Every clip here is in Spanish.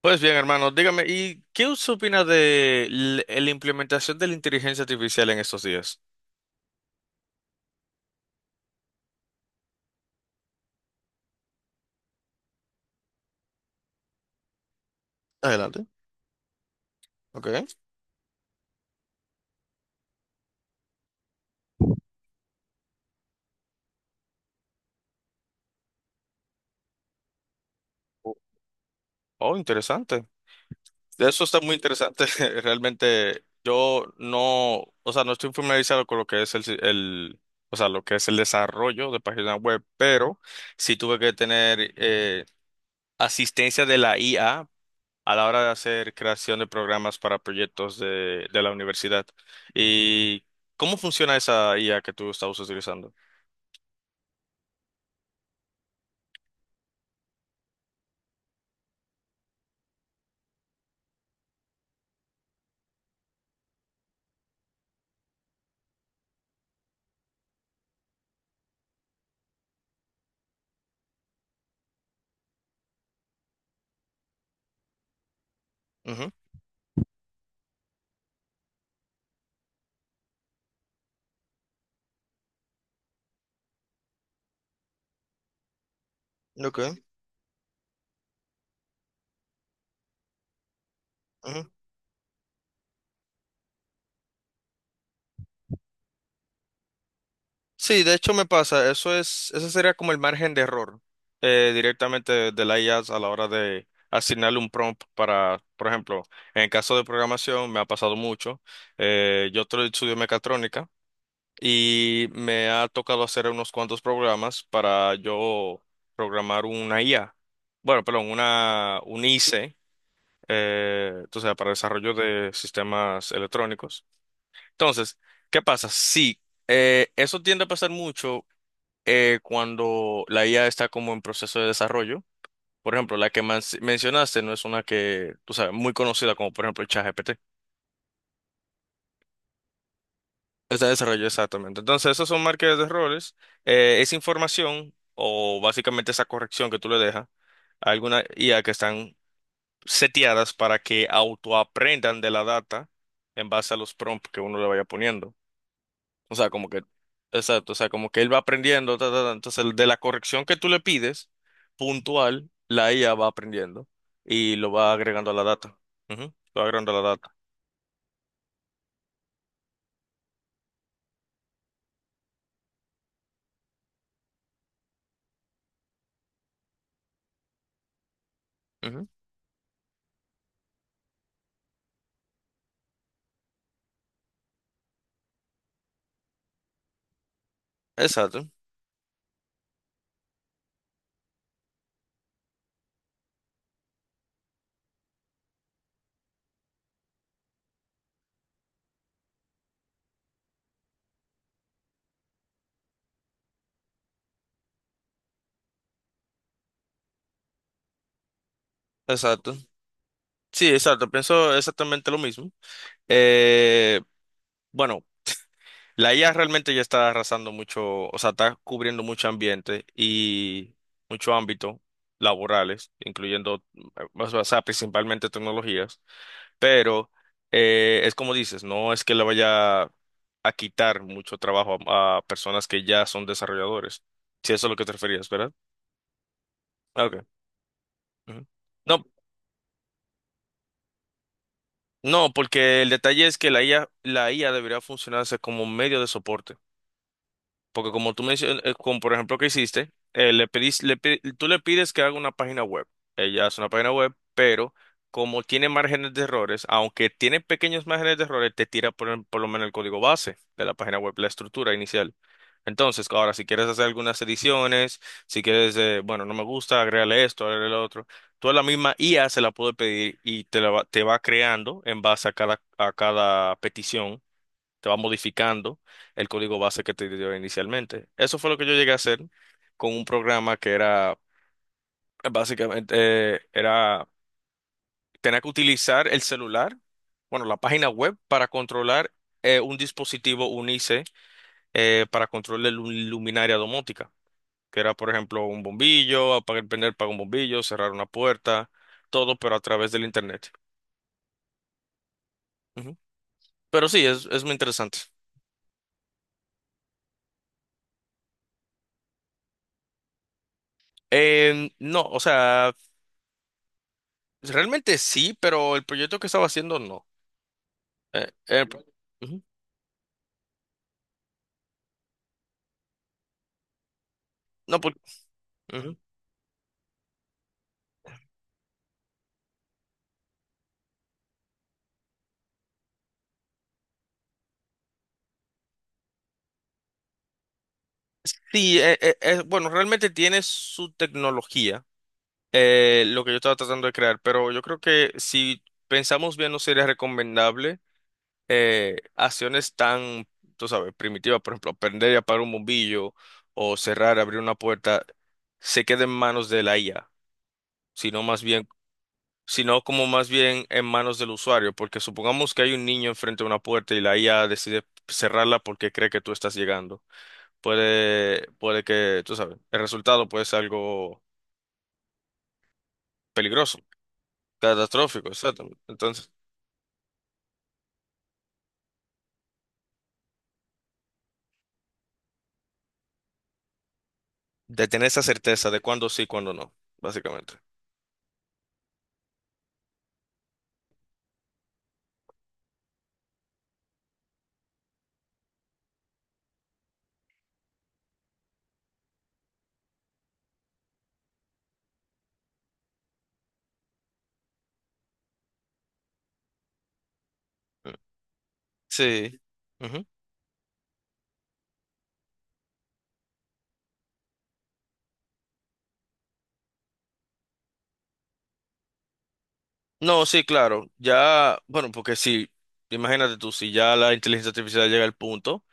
Pues bien, hermano, dígame, ¿y qué usted opina de la implementación de la inteligencia artificial en estos días? Adelante. Ok. Oh, interesante. Eso está muy interesante. Realmente yo no, o sea, no estoy familiarizado con lo que es el, si- el, o sea, lo que es el desarrollo de páginas web, pero sí tuve que tener asistencia de la IA a la hora de hacer creación de programas para proyectos de la universidad. ¿Y cómo funciona esa IA que tú estabas utilizando? Ujú. Ok. Ujú. Sí, de hecho me pasa, eso es, ese sería como el margen de error, directamente de la IA a la hora de asignarle un prompt para, por ejemplo, en el caso de programación me ha pasado mucho. Estudio mecatrónica y me ha tocado hacer unos cuantos programas para yo programar una IA, bueno, perdón, una, un IC, o sea, para desarrollo de sistemas electrónicos. Entonces, ¿qué pasa? Sí. Eso tiende a pasar mucho cuando la IA está como en proceso de desarrollo. Por ejemplo, la que mencionaste no es una que, tú sabes, muy conocida como por ejemplo el ChatGPT. Está en desarrollo exactamente. Entonces, esos son marcas de roles. Esa información o básicamente esa corrección que tú le dejas a alguna IA que están seteadas para que autoaprendan de la data en base a los prompts que uno le vaya poniendo. O sea, como que, exacto, o sea, como que él va aprendiendo, ta, ta, ta. Entonces, el de la corrección que tú le pides, puntual, la IA va aprendiendo y lo va agregando a la data. Ujú. Lo va agregando a la data. Ujú. Exacto, exacto. Sí, exacto, pienso exactamente lo mismo. Eh, bueno, la IA realmente ya está arrasando mucho, o sea, está cubriendo mucho ambiente y mucho ámbito laborales, incluyendo, o sea, principalmente tecnologías. Pero es como dices, no es que le vaya a quitar mucho trabajo a personas que ya son desarrolladores. Si eso es lo que te referías, ¿verdad? Ah, okay. Ujú. No, no, porque el detalle es que la IA debería funcionarse como medio de soporte. Porque como tú mencionas, como por ejemplo que hiciste, le pedís- le pi- tú le pides que haga una página web. Ella hace una página web, pero como tiene márgenes de errores, aunque tiene pequeños márgenes de errores, te tira por, por lo menos el código base de la página web, la estructura inicial. Entonces, ahora, si quieres hacer algunas ediciones, si quieres, bueno, no me gusta, agrégale esto, agrégale lo otro, tú a la misma IA se la puedes pedir y te va creando en base a a cada petición te va modificando el código base que te dio inicialmente. Eso fue lo que yo llegué a hacer con un programa que era básicamente, era tener que utilizar el celular, bueno, la página web para controlar un dispositivo UNICE, para control de luminaria domótica, que era por ejemplo un bombillo, apagar prender para un bombillo, cerrar una puerta, todo pero a través del internet. Ujú. Pero sí, es muy interesante. No, o sea, pues, realmente sí, pero el proyecto que estaba haciendo no. Eh, eh, pro- Ujú. No, ujú. Sí, bueno, realmente tiene su tecnología, lo que yo estaba tratando de crear, pero yo creo que si pensamos bien no sería recomendable acciones tan, tú sabes, primitivas, por ejemplo, aprender y apagar un bombillo o cerrar, abrir una puerta, se quede en manos de la IA, sino más bien sino como más bien en manos del usuario, porque supongamos que hay un niño enfrente de una puerta y la IA decide cerrarla porque cree que tú estás llegando. Puede que, tú sabes, el resultado puede ser algo peligroso, catastrófico, exactamente. Entonces, de tener esa certeza de cuándo sí, cuándo no, básicamente. Mm. Sí. Ujú. No, sí, claro. Ya, bueno, porque si, imagínate tú, si ya la inteligencia artificial llega al punto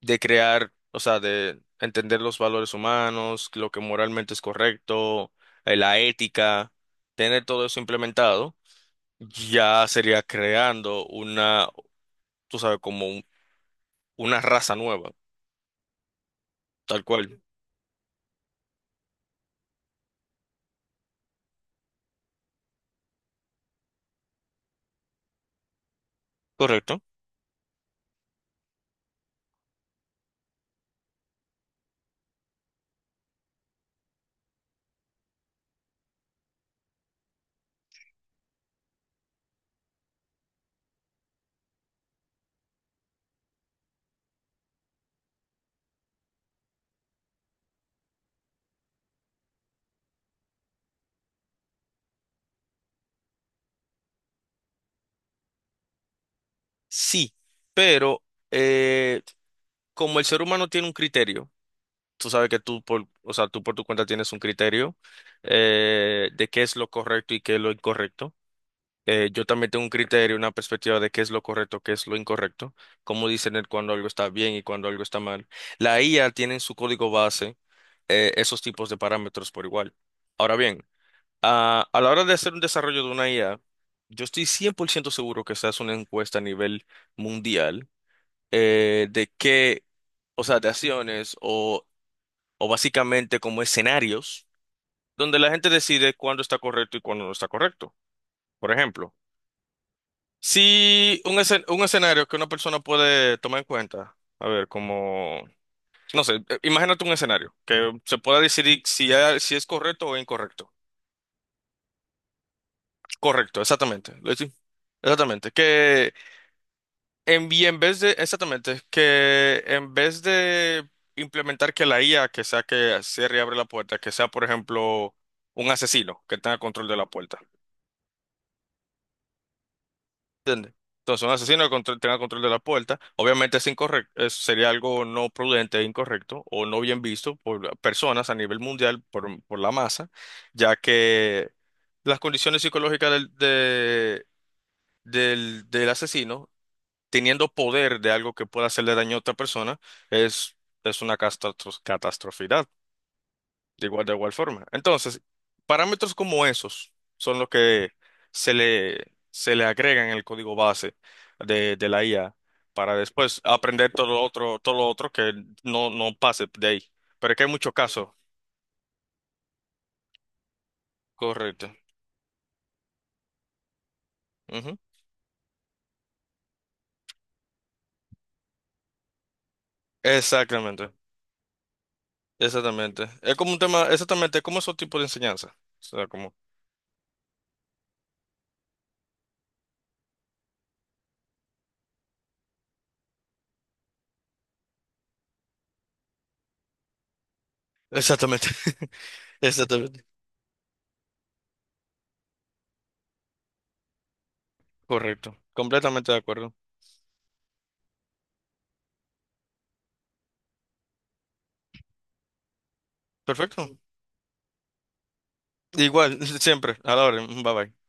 de crear, o sea, de entender los valores humanos, lo que moralmente es correcto, la ética, tener todo eso implementado, ya sería creando una, tú sabes, una raza nueva, tal cual. Correcto. Sí, pero eh, como el ser humano tiene un criterio, tú sabes que o sea, tú por tu cuenta tienes un criterio de qué es lo correcto y qué es lo incorrecto. Yo también tengo un criterio, una perspectiva de qué es lo correcto, qué es lo incorrecto, cómo discernir cuando algo está bien y cuando algo está mal. La IA tiene en su código base esos tipos de parámetros por igual. Ahora bien, a la hora de hacer un desarrollo de una IA, yo estoy 100% seguro que se hace una encuesta a nivel mundial de qué, o sea, de acciones o básicamente como escenarios donde la gente decide cuándo está correcto y cuándo no está correcto. Por ejemplo. Sí, un escenario que una persona puede tomar en cuenta. A ver, como, no sé, imagínate un escenario que se pueda decidir si, si es correcto o incorrecto. Correcto, exactamente. Exactamente. Que en vez de, exactamente, que en vez de implementar que la IA que sea que cierre y abre la puerta, que sea, por ejemplo, un asesino que tenga control de la puerta. Entonces, un asesino que tenga control de la puerta, obviamente es incorrecto, sería algo no prudente, e incorrecto o no bien visto por personas a nivel mundial, por la masa, ya que las condiciones psicológicas del, del asesino, teniendo poder de algo que pueda hacerle daño a otra persona, es, es una catástrofe. De igual forma. Entonces, parámetros como esos son los que se le agregan en el código base de la IA para después aprender todo lo otro que no, no pase de ahí. Pero es que hay muchos casos. Correcto. Ujú. Exactamente. Exactamente. Es como un tema, exactamente, como esos tipos de enseñanza. O sea, como. Exactamente. Exactamente. Correcto. Completamente de acuerdo. Perfecto. Igual, siempre. A la orden. Bye bye.